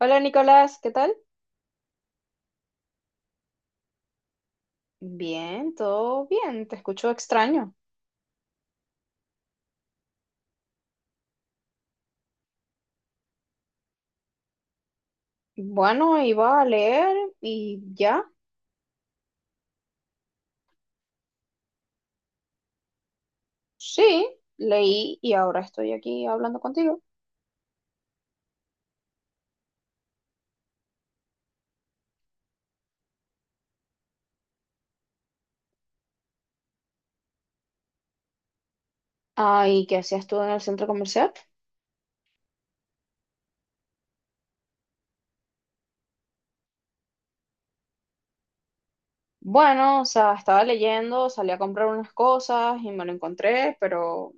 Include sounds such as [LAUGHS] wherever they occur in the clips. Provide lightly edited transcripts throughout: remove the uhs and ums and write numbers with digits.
Hola Nicolás, ¿qué tal? Bien, todo bien, te escucho extraño. Bueno, iba a leer y ya. Sí, leí y ahora estoy aquí hablando contigo. Ah, ¿y qué hacías tú en el centro comercial? Bueno, o sea, estaba leyendo, salí a comprar unas cosas y me lo encontré, pero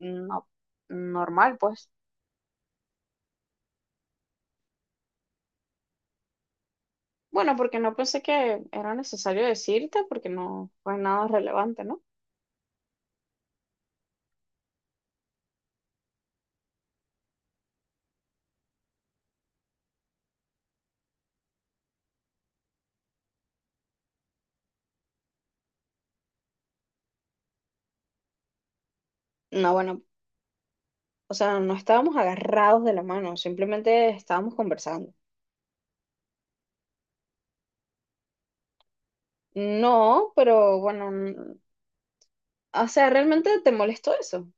no, normal, pues. Bueno, porque no pensé que era necesario decirte, porque no fue nada relevante, ¿no? No, bueno, o sea, no estábamos agarrados de la mano, simplemente estábamos conversando. No, pero o sea, ¿realmente te molestó eso?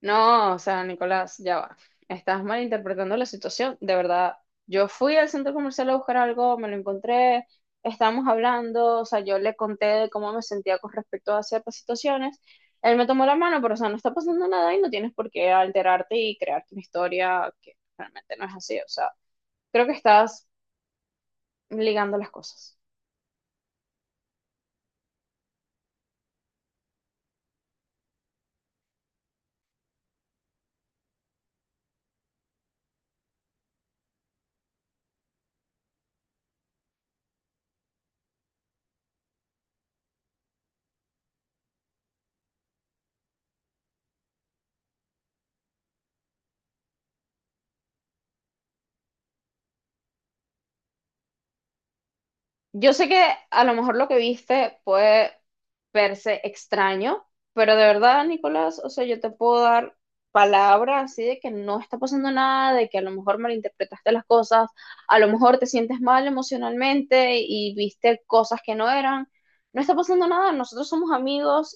No, o sea, Nicolás, ya va. Estás malinterpretando la situación. De verdad, yo fui al centro comercial a buscar algo, me lo encontré, estábamos hablando, o sea, yo le conté de cómo me sentía con respecto a ciertas situaciones. Él me tomó la mano, pero o sea, no está pasando nada y no tienes por qué alterarte y crearte una historia que realmente no es así. O sea, creo que estás ligando las cosas. Yo sé que a lo mejor lo que viste puede verse extraño, pero de verdad, Nicolás, o sea, yo te puedo dar palabras así de que no está pasando nada, de que a lo mejor malinterpretaste las cosas, a lo mejor te sientes mal emocionalmente y viste cosas que no eran. No está pasando nada, nosotros somos amigos.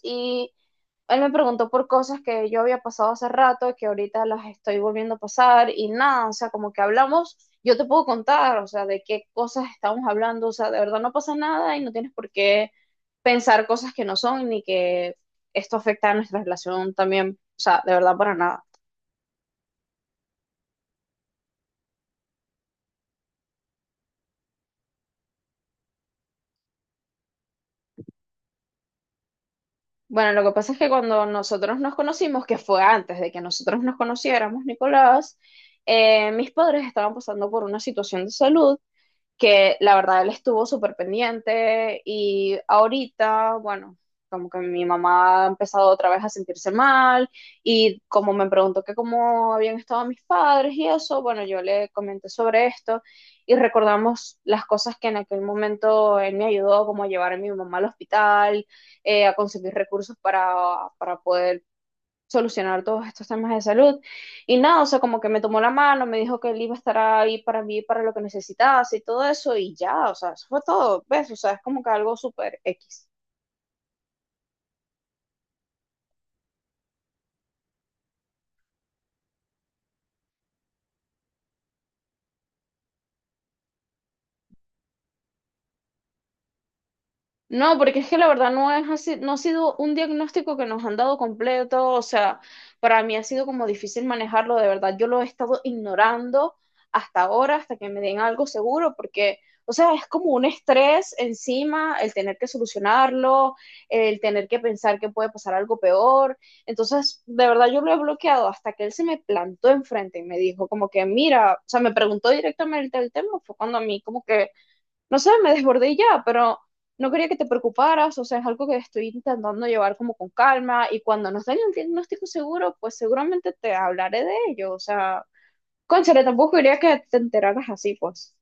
Él me preguntó por cosas que yo había pasado hace rato y que ahorita las estoy volviendo a pasar y nada, o sea, como que hablamos, yo te puedo contar, o sea, de qué cosas estamos hablando, o sea, de verdad no pasa nada y no tienes por qué pensar cosas que no son ni que esto afecta a nuestra relación también, o sea, de verdad para nada. Bueno, lo que pasa es que cuando nosotros nos conocimos, que fue antes de que nosotros nos conociéramos, Nicolás, mis padres estaban pasando por una situación de salud que la verdad él estuvo súper pendiente y ahorita, bueno, como que mi mamá ha empezado otra vez a sentirse mal y como me preguntó que cómo habían estado mis padres y eso, bueno, yo le comenté sobre esto y recordamos las cosas que en aquel momento él me ayudó, como a llevar a mi mamá al hospital, a conseguir recursos para poder solucionar todos estos temas de salud. Y nada, o sea, como que me tomó la mano, me dijo que él iba a estar ahí para mí, para lo que necesitase y todo eso, y ya, o sea, eso fue todo, ¿ves? O sea, es como que algo súper X. No, porque es que la verdad no es así, no ha sido un diagnóstico que nos han dado completo, o sea, para mí ha sido como difícil manejarlo, de verdad, yo lo he estado ignorando hasta ahora, hasta que me den algo seguro, porque, o sea, es como un estrés encima el tener que solucionarlo, el tener que pensar que puede pasar algo peor, entonces, de verdad, yo lo he bloqueado hasta que él se me plantó enfrente y me dijo como que, mira, o sea, me preguntó directamente el tema, fue cuando a mí como que no sé, me desbordé y ya, pero no quería que te preocuparas, o sea, es algo que estoy intentando llevar como con calma y cuando nos den un diagnóstico seguro, pues seguramente te hablaré de ello, o sea, cónchale, tampoco quería que te enteraras así, pues.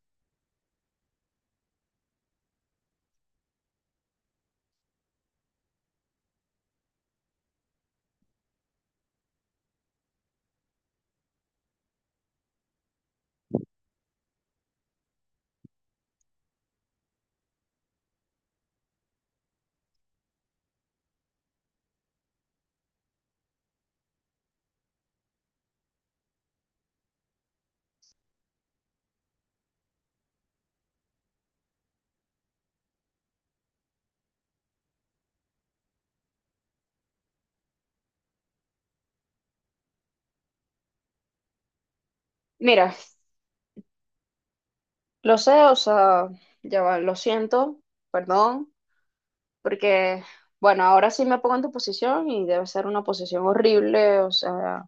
Mira, lo sé, o sea, ya va, lo siento, perdón, porque, bueno, ahora sí me pongo en tu posición y debe ser una posición horrible, o sea,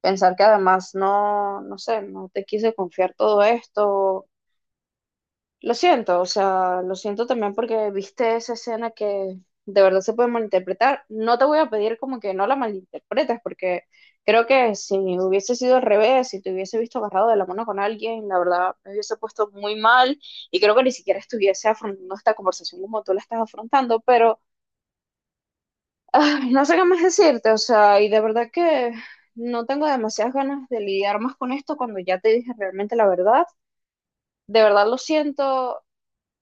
pensar que además no sé, no te quise confiar todo esto. Lo siento, o sea, lo siento también porque viste esa escena que de verdad se puede malinterpretar. No te voy a pedir como que no la malinterpretes, porque creo que si hubiese sido al revés, si te hubiese visto agarrado de la mano con alguien, la verdad me hubiese puesto muy mal y creo que ni siquiera estuviese afrontando esta conversación como tú la estás afrontando, pero ay, no sé qué más decirte, o sea, y de verdad que no tengo demasiadas ganas de lidiar más con esto cuando ya te dije realmente la verdad. De verdad lo siento,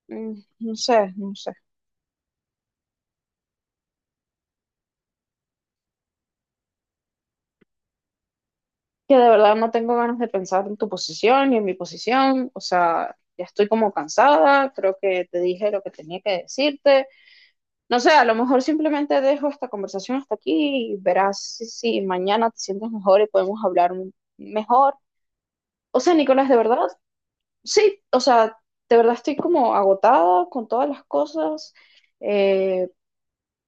mm, no sé, no sé. Que de verdad no tengo ganas de pensar en tu posición y en mi posición, o sea, ya estoy como cansada, creo que te dije lo que tenía que decirte, no sé, a lo mejor simplemente dejo esta conversación hasta aquí y verás si, si mañana te sientes mejor y podemos mejor. O sea, Nicolás, de verdad, sí, o sea, de verdad estoy como agotada con todas las cosas, eh,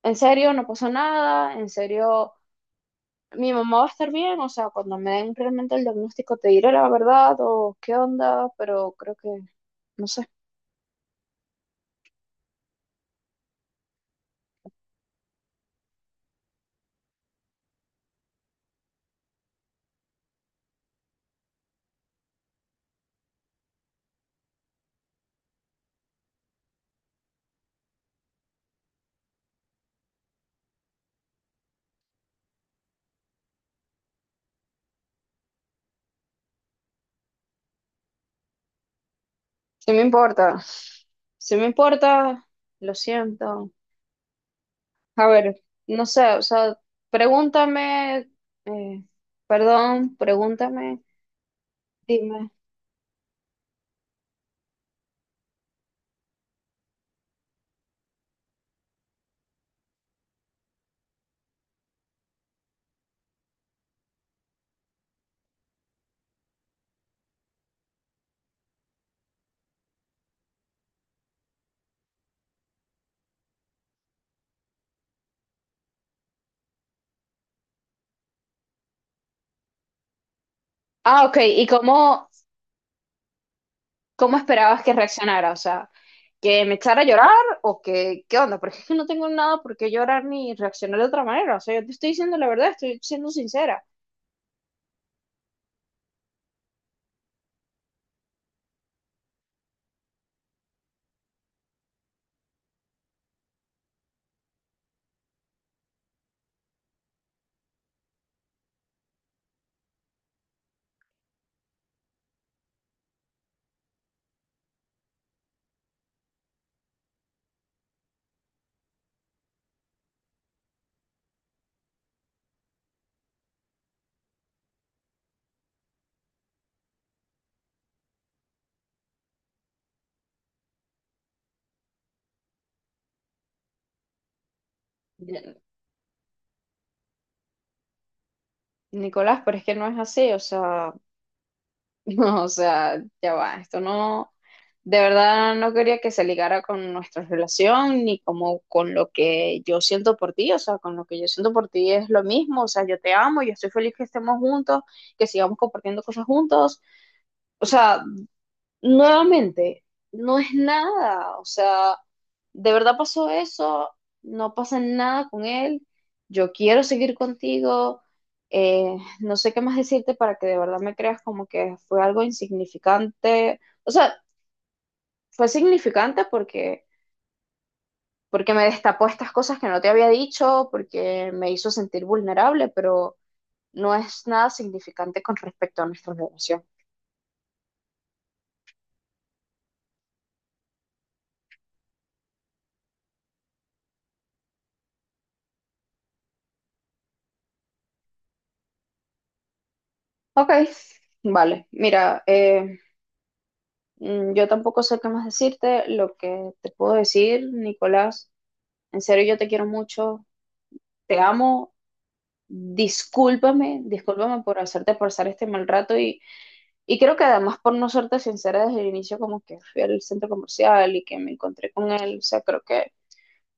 en serio, no pasó nada, en serio mi mamá va a estar bien, o sea, cuando me den realmente el diagnóstico te diré la verdad o qué onda, pero creo que, no sé, sí me importa, sí me importa, lo siento. A ver, no sé, o sea, pregúntame, eh, perdón, pregúntame, dime. Ah, ok, ¿cómo esperabas que reaccionara? O sea, ¿que me echara a llorar o que, qué onda? Porque es que no tengo nada por qué llorar ni reaccionar de otra manera, o sea, yo te estoy diciendo la verdad, estoy siendo sincera. Nicolás, pero es que no es así, o sea, [LAUGHS] no, o sea, ya va, esto no, de verdad no quería que se ligara con nuestra relación ni como con lo que yo siento por ti, o sea, con lo que yo siento por ti es lo mismo, o sea, yo te amo, yo estoy feliz que estemos juntos, que sigamos compartiendo cosas juntos, o sea, nuevamente, no es nada, o sea, de verdad pasó eso, no pasa nada con él, yo quiero seguir contigo, no sé qué más decirte para que de verdad me creas como que fue algo insignificante, o sea, fue significante porque me destapó estas cosas que no te había dicho, porque me hizo sentir vulnerable, pero no es nada significante con respecto a nuestra relación. Ok, vale, mira, yo tampoco sé qué más decirte. Lo que te puedo decir, Nicolás, en serio yo te quiero mucho, te amo. Discúlpame, discúlpame por hacerte pasar este mal rato, y creo que además por no serte sincera desde el inicio, como que fui al centro comercial y que me encontré con él, o sea, creo que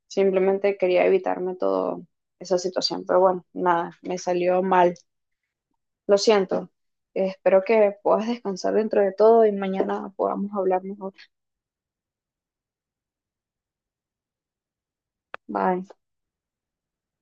simplemente quería evitarme toda esa situación, pero bueno, nada, me salió mal. Lo siento, espero que puedas descansar dentro de todo y mañana podamos hablar mejor. Bye.